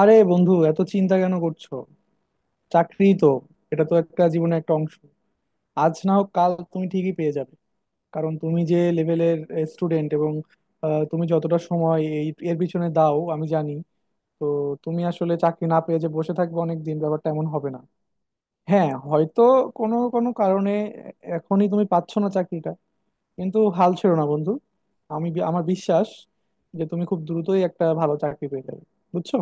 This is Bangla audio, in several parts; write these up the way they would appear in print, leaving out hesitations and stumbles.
আরে বন্ধু, এত চিন্তা কেন করছো? চাকরি তো, এটা তো একটা জীবনের একটা অংশ। আজ না হোক কাল তুমি ঠিকই পেয়ে যাবে। কারণ তুমি যে লেভেলের স্টুডেন্ট, এবং তুমি যতটা সময় এর পিছনে দাও আমি জানি। তো তুমি আসলে চাকরি না পেয়ে যে বসে থাকবে অনেক দিন, ব্যাপারটা এমন হবে না। হ্যাঁ, হয়তো কোনো কোনো কারণে এখনই তুমি পাচ্ছ না চাকরিটা, কিন্তু হাল ছেড়ো না বন্ধু। আমার বিশ্বাস যে তুমি খুব দ্রুতই একটা ভালো চাকরি পেয়ে যাবে। বুঝছো?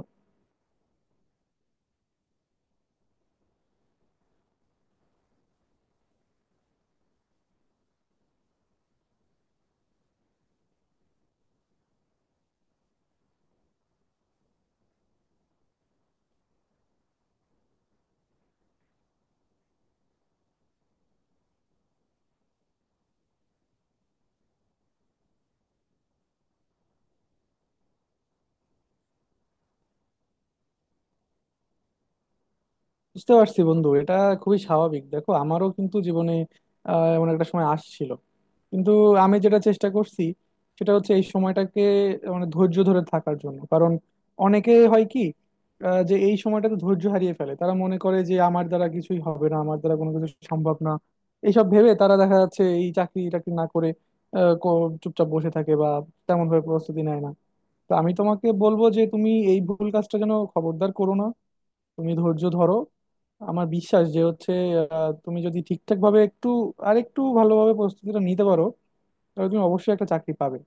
বুঝতে পারছি বন্ধু, এটা খুবই স্বাভাবিক। দেখো, আমারও কিন্তু জীবনে এমন একটা সময় আসছিল। কিন্তু আমি যেটা চেষ্টা করছি, সেটা হচ্ছে এই সময়টাকে মানে ধৈর্য ধরে থাকার জন্য। কারণ অনেকে হয় কি, যে এই সময়টাতে ধৈর্য হারিয়ে ফেলে, তারা মনে করে যে আমার দ্বারা কিছুই হবে না, আমার দ্বারা কোনো কিছু সম্ভব না। এইসব ভেবে তারা দেখা যাচ্ছে এই চাকরি টাকরি না করে চুপচাপ বসে থাকে বা তেমন ভাবে প্রস্তুতি নেয় না। তো আমি তোমাকে বলবো যে তুমি এই ভুল কাজটা যেন খবরদার করো না। তুমি ধৈর্য ধরো। আমার বিশ্বাস যে হচ্ছে, তুমি যদি ঠিকঠাক ভাবে একটু আর একটু ভালোভাবে প্রস্তুতিটা নিতে পারো তাহলে তুমি অবশ্যই একটা চাকরি পাবে।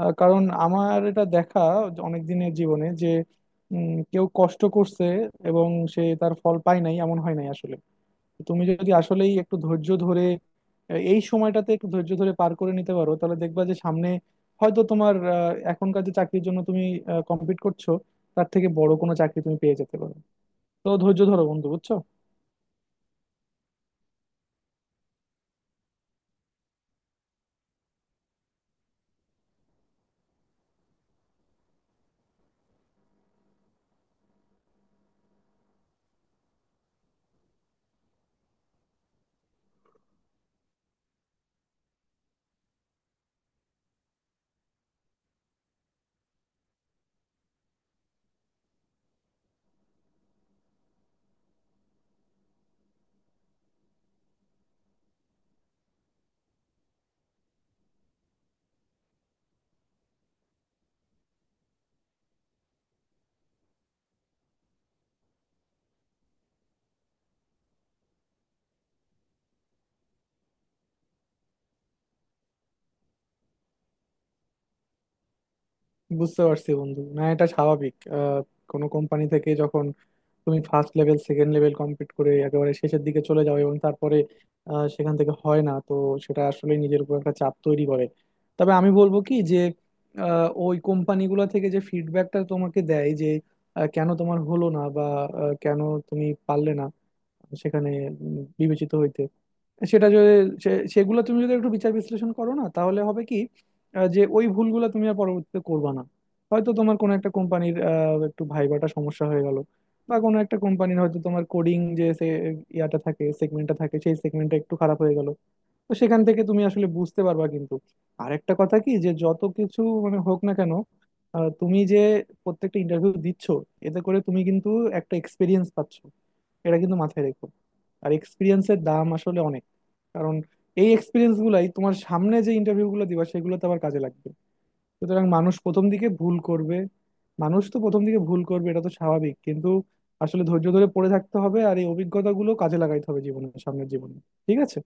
কারণ আমার এটা দেখা অনেক দিনের জীবনে যে কেউ কষ্ট করছে এবং সে তার ফল পায় নাই এমন হয় নাই আসলে। তুমি যদি আসলেই একটু ধৈর্য ধরে এই সময়টাতে একটু ধৈর্য ধরে পার করে নিতে পারো তাহলে দেখবা যে সামনে হয়তো তোমার এখনকার যে চাকরির জন্য তুমি কম্পিট করছো তার থেকে বড় কোনো চাকরি তুমি পেয়ে যেতে পারো। তো ধৈর্য ধরো বন্ধু, বুঝছো? বুঝতে পারছি বন্ধু, না এটা স্বাভাবিক। কোনো কোম্পানি থেকে যখন তুমি first level second level complete করে একেবারে শেষের দিকে চলে যাও এবং তারপরে সেখান থেকে হয় না, তো সেটা আসলে নিজের উপর একটা চাপ তৈরি করে। তবে আমি বলবো কি যে ওই কোম্পানিগুলো থেকে যে ফিডব্যাকটা তোমাকে দেয় যে কেন তোমার হলো না বা কেন তুমি পারলে না সেখানে বিবেচিত হইতে, সেটা যদি সেগুলো তুমি যদি একটু বিচার বিশ্লেষণ করো না তাহলে হবে কি যে ওই ভুলগুলো তুমি আর পরবর্তীতে করবা না। হয়তো তোমার কোনো একটা কোম্পানির একটু ভাইবাটা সমস্যা হয়ে গেল, বা কোনো একটা কোম্পানির হয়তো তোমার কোডিং যে সে ইয়াটা থাকে সেগমেন্টটা থাকে, সেই সেগমেন্টটা একটু খারাপ হয়ে গেল। তো সেখান থেকে তুমি আসলে বুঝতে পারবা কিন্তু। আর একটা কথা কি যে যত কিছু মানে হোক না কেন, তুমি যে প্রত্যেকটা ইন্টারভিউ দিচ্ছ এতে করে তুমি কিন্তু একটা এক্সপিরিয়েন্স পাচ্ছ, এটা কিন্তু মাথায় রেখো। আর এক্সপিরিয়েন্সের দাম আসলে অনেক। কারণ এই এক্সপিরিয়েন্স গুলাই তোমার সামনে যে ইন্টারভিউ গুলো দিবা সেগুলোতে আবার কাজে লাগবে। সুতরাং মানুষ প্রথম দিকে ভুল করবে। মানুষ তো প্রথম দিকে ভুল করবে, এটা তো স্বাভাবিক। কিন্তু আসলে ধৈর্য ধরে পড়ে থাকতে হবে, আর এই অভিজ্ঞতাগুলো কাজে লাগাইতে হবে জীবনের সামনের জীবনে। ঠিক আছে?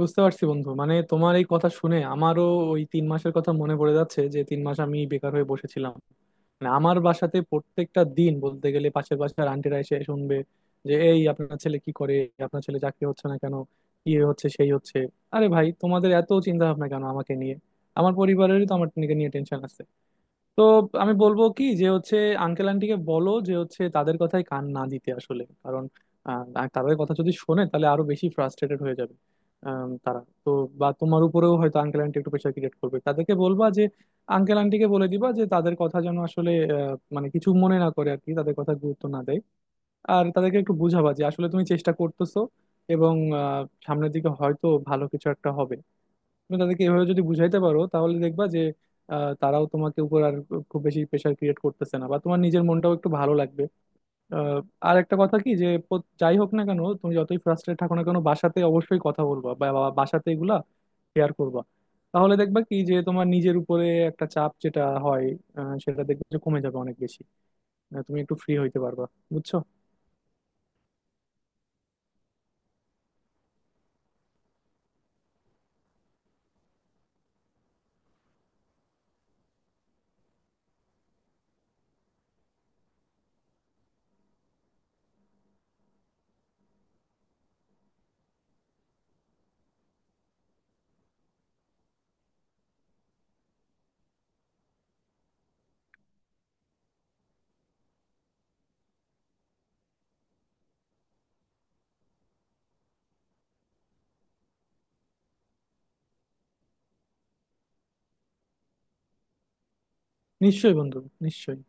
বুঝতে পারছি বন্ধু, মানে তোমার এই কথা শুনে আমারও ওই তিন মাসের কথা মনে পড়ে যাচ্ছে, যে তিন মাস আমি বেকার হয়ে বসেছিলাম। মানে আমার বাসাতে প্রত্যেকটা দিন বলতে গেলে পাশের বাসার আন্টিরা এসে শুনবে যে, এই আপনার ছেলে কি করে, আপনার ছেলে চাকরি হচ্ছে না কেন, কি হচ্ছে সেই হচ্ছে। আরে ভাই, তোমাদের এত চিন্তা ভাবনা কেন আমাকে নিয়ে? আমার পরিবারেরই তো আমার নিয়ে টেনশন আছে। তো আমি বলবো কি যে হচ্ছে, আঙ্কেল আন্টিকে বলো যে হচ্ছে তাদের কথায় কান না দিতে আসলে। কারণ আর তাদের কথা যদি শোনে তাহলে আরো বেশি ফ্রাস্ট্রেটেড হয়ে যাবে। তারা তো বা তোমার উপরেও হয়তো আঙ্কেল আন্টি একটু প্রেশার ক্রিয়েট করবে, তাদেরকে বলবা যে আঙ্কেল আন্টিকে বলে দিবা যে তাদের কথা যেন আসলে মানে কিছু মনে না করে আর কি, তাদের কথা গুরুত্ব না দেয়। আর তাদেরকে একটু বুঝাবা যে আসলে তুমি চেষ্টা করতেছো এবং সামনের দিকে হয়তো ভালো কিছু একটা হবে। তুমি তাদেরকে এভাবে যদি বুঝাইতে পারো তাহলে দেখবা যে তারাও তোমাকে উপর আর খুব বেশি প্রেশার ক্রিয়েট করতেছে না, বা তোমার নিজের মনটাও একটু ভালো লাগবে। আহ, আর একটা কথা কি যে যাই হোক না কেন তুমি যতই ফ্রাস্ট্রেট থাকো না কেন বাসাতে অবশ্যই কথা বলবা, বা বা- বাসাতে এগুলা শেয়ার করবা। তাহলে দেখবা কি যে তোমার নিজের উপরে একটা চাপ যেটা হয় সেটা দেখবে যে কমে যাবে অনেক বেশি। তুমি একটু ফ্রি হইতে পারবা, বুঝছো? নিশ্চয়ই বন্ধু, নিশ্চয়ই।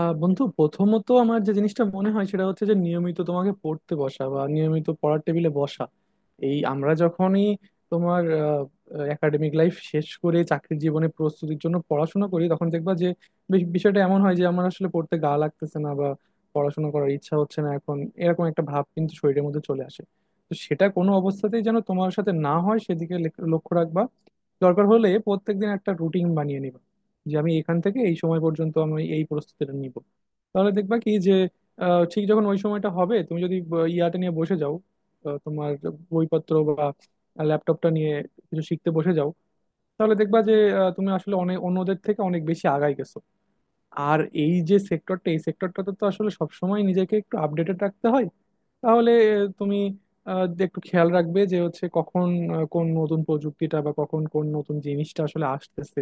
বন্ধু, প্রথমত আমার যে জিনিসটা মনে হয় সেটা হচ্ছে যে নিয়মিত তোমাকে পড়তে বসা বা নিয়মিত পড়ার টেবিলে বসা। এই আমরা যখনই তোমার একাডেমিক লাইফ শেষ করে চাকরির জীবনে প্রস্তুতির জন্য পড়াশোনা করি, তখন দেখবা যে বিষয়টা এমন হয় যে আমার আসলে পড়তে গা লাগতেছে না বা পড়াশোনা করার ইচ্ছা হচ্ছে না এখন। এরকম একটা ভাব কিন্তু শরীরের মধ্যে চলে আসে। তো সেটা কোনো অবস্থাতেই যেন তোমার সাথে না হয় সেদিকে লক্ষ্য রাখবা। দরকার হলে প্রত্যেকদিন একটা রুটিন বানিয়ে নিবা, যে আমি এখান থেকে এই সময় পর্যন্ত আমি এই প্রস্তুতিটা নিব। তাহলে দেখবা কি যে ঠিক যখন ওই সময়টা হবে তুমি যদি ইয়াটা নিয়ে বসে যাও, তোমার বইপত্র বা ল্যাপটপটা নিয়ে কিছু শিখতে বসে যাও, তাহলে দেখবা যে তুমি আসলে অনেক অন্যদের থেকে অনেক বেশি আগায় গেছো। আর এই যে সেক্টরটা, এই সেক্টরটাতে তো আসলে সবসময় নিজেকে একটু আপডেটেড রাখতে হয়। তাহলে আহ, তুমি একটু খেয়াল রাখবে যে হচ্ছে কখন কোন নতুন প্রযুক্তিটা বা কখন কোন নতুন জিনিসটা আসলে আসতেছে।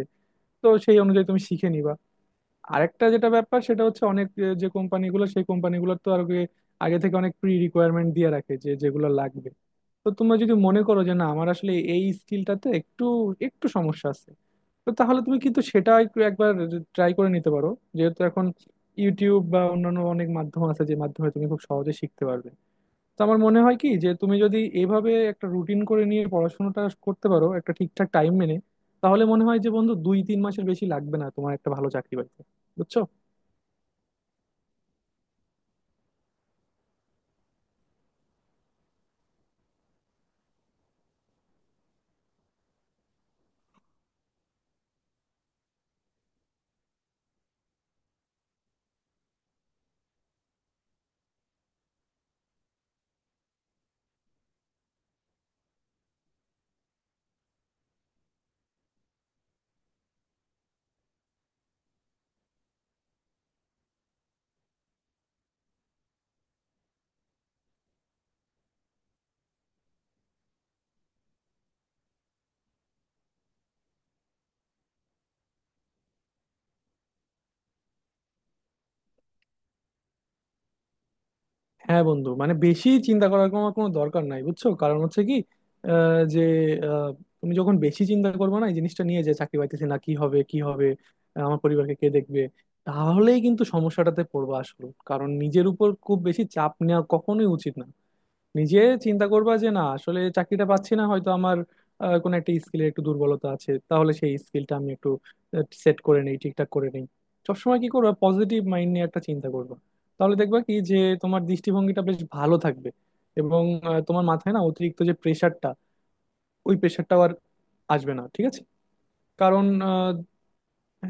তো সেই অনুযায়ী তুমি শিখে নিবা। আরেকটা যেটা ব্যাপার সেটা হচ্ছে অনেক, যে কোম্পানিগুলো সেই কোম্পানিগুলোর তো আর আগে আগে থেকে অনেক প্রি রিকোয়ারমেন্ট দিয়ে রাখে যে যেগুলো লাগবে। তো তোমরা যদি মনে করো যে না আমার আসলে এই স্কিলটাতে একটু একটু সমস্যা আছে, তো তাহলে তুমি কিন্তু সেটা একটু একবার ট্রাই করে নিতে পারো। যেহেতু এখন ইউটিউব বা অন্যান্য অনেক মাধ্যম আছে যে মাধ্যমে তুমি খুব সহজে শিখতে পারবে। তো আমার মনে হয় কি যে তুমি যদি এভাবে একটা রুটিন করে নিয়ে পড়াশোনাটা করতে পারো একটা ঠিকঠাক টাইম মেনে, তাহলে মনে হয় যে বন্ধু দুই তিন মাসের বেশি লাগবে না তোমার একটা ভালো চাকরি পাইতে। বুঝছো? হ্যাঁ বন্ধু, মানে বেশি চিন্তা করার কোনো কোনো দরকার নাই, বুঝছো? কারণ হচ্ছে কি, আহ, যে আহ, তুমি যখন বেশি চিন্তা করবে না এই জিনিসটা নিয়ে যে চাকরি পাইতেছি না কি হবে কি হবে, আমার পরিবারকে কে দেখবে, তাহলেই কিন্তু সমস্যাটাতে পড়বা আসলে। কারণ নিজের উপর খুব বেশি চাপ নেওয়া কখনোই উচিত না। নিজে চিন্তা করবা যে না আসলে চাকরিটা পাচ্ছি না, হয়তো আমার কোনো একটা স্কিলের একটু দুর্বলতা আছে, তাহলে সেই স্কিলটা আমি একটু সেট করে নেই, ঠিকঠাক করে নেই। সবসময় কি করবা, পজিটিভ মাইন্ড নিয়ে একটা চিন্তা করবা। তাহলে দেখবা কি যে তোমার দৃষ্টিভঙ্গিটা বেশ ভালো থাকবে, এবং তোমার মাথায় না অতিরিক্ত যে প্রেশারটা, ওই প্রেশারটাও আর আসবে না। ঠিক আছে? কারণ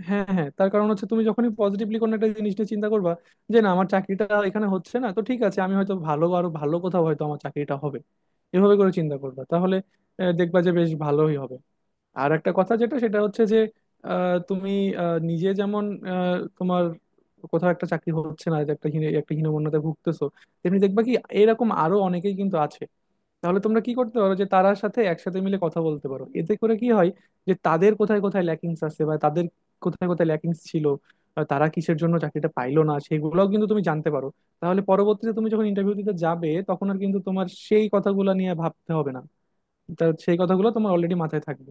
হ্যাঁ, হ্যাঁ, তার কারণ হচ্ছে তুমি যখনই পজিটিভলি কোনো একটা জিনিস নিয়ে চিন্তা করবা, যে না আমার চাকরিটা এখানে হচ্ছে না তো ঠিক আছে, আমি হয়তো আরো ভালো কোথাও হয়তো আমার চাকরিটা হবে, এভাবে করে চিন্তা করবা, তাহলে দেখবা যে বেশ ভালোই হবে। আর একটা কথা যেটা সেটা হচ্ছে যে আহ, তুমি নিজে যেমন তোমার কোথাও একটা চাকরি হচ্ছে না যে একটা হীনমন্যতায় ভুগতেছো, তেমনি দেখবা কি এরকম আরো অনেকেই কিন্তু আছে। তাহলে তোমরা কি করতে পারো, যে তারার সাথে একসাথে মিলে কথা বলতে পারো। এতে করে কি হয়, যে তাদের কোথায় কোথায় ল্যাকিংস আছে বা তাদের কোথায় কোথায় ল্যাকিংস ছিল, বা তারা কিসের জন্য চাকরিটা পাইলো না সেগুলোও কিন্তু তুমি জানতে পারো। তাহলে পরবর্তীতে তুমি যখন ইন্টারভিউ দিতে যাবে তখন আর কিন্তু তোমার সেই কথাগুলো নিয়ে ভাবতে হবে না, তা সেই কথাগুলো তোমার অলরেডি মাথায় থাকবে।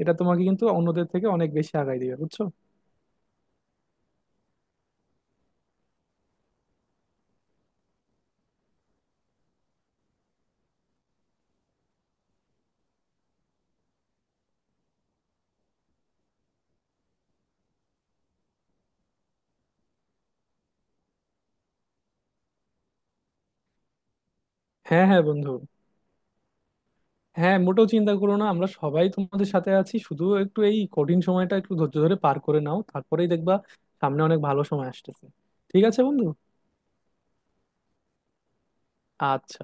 এটা তোমাকে কিন্তু অন্যদের থেকে অনেক বেশি আগায় দিবে, বুঝছো? হ্যাঁ, হ্যাঁ, বন্ধু। হ্যাঁ, মোটেও চিন্তা করো না, আমরা সবাই তোমাদের সাথে আছি, শুধু একটু এই কঠিন সময়টা একটু ধৈর্য ধরে পার করে নাও, তারপরেই দেখবা সামনে অনেক ভালো সময় আসতেছে। ঠিক আছে বন্ধু? আচ্ছা।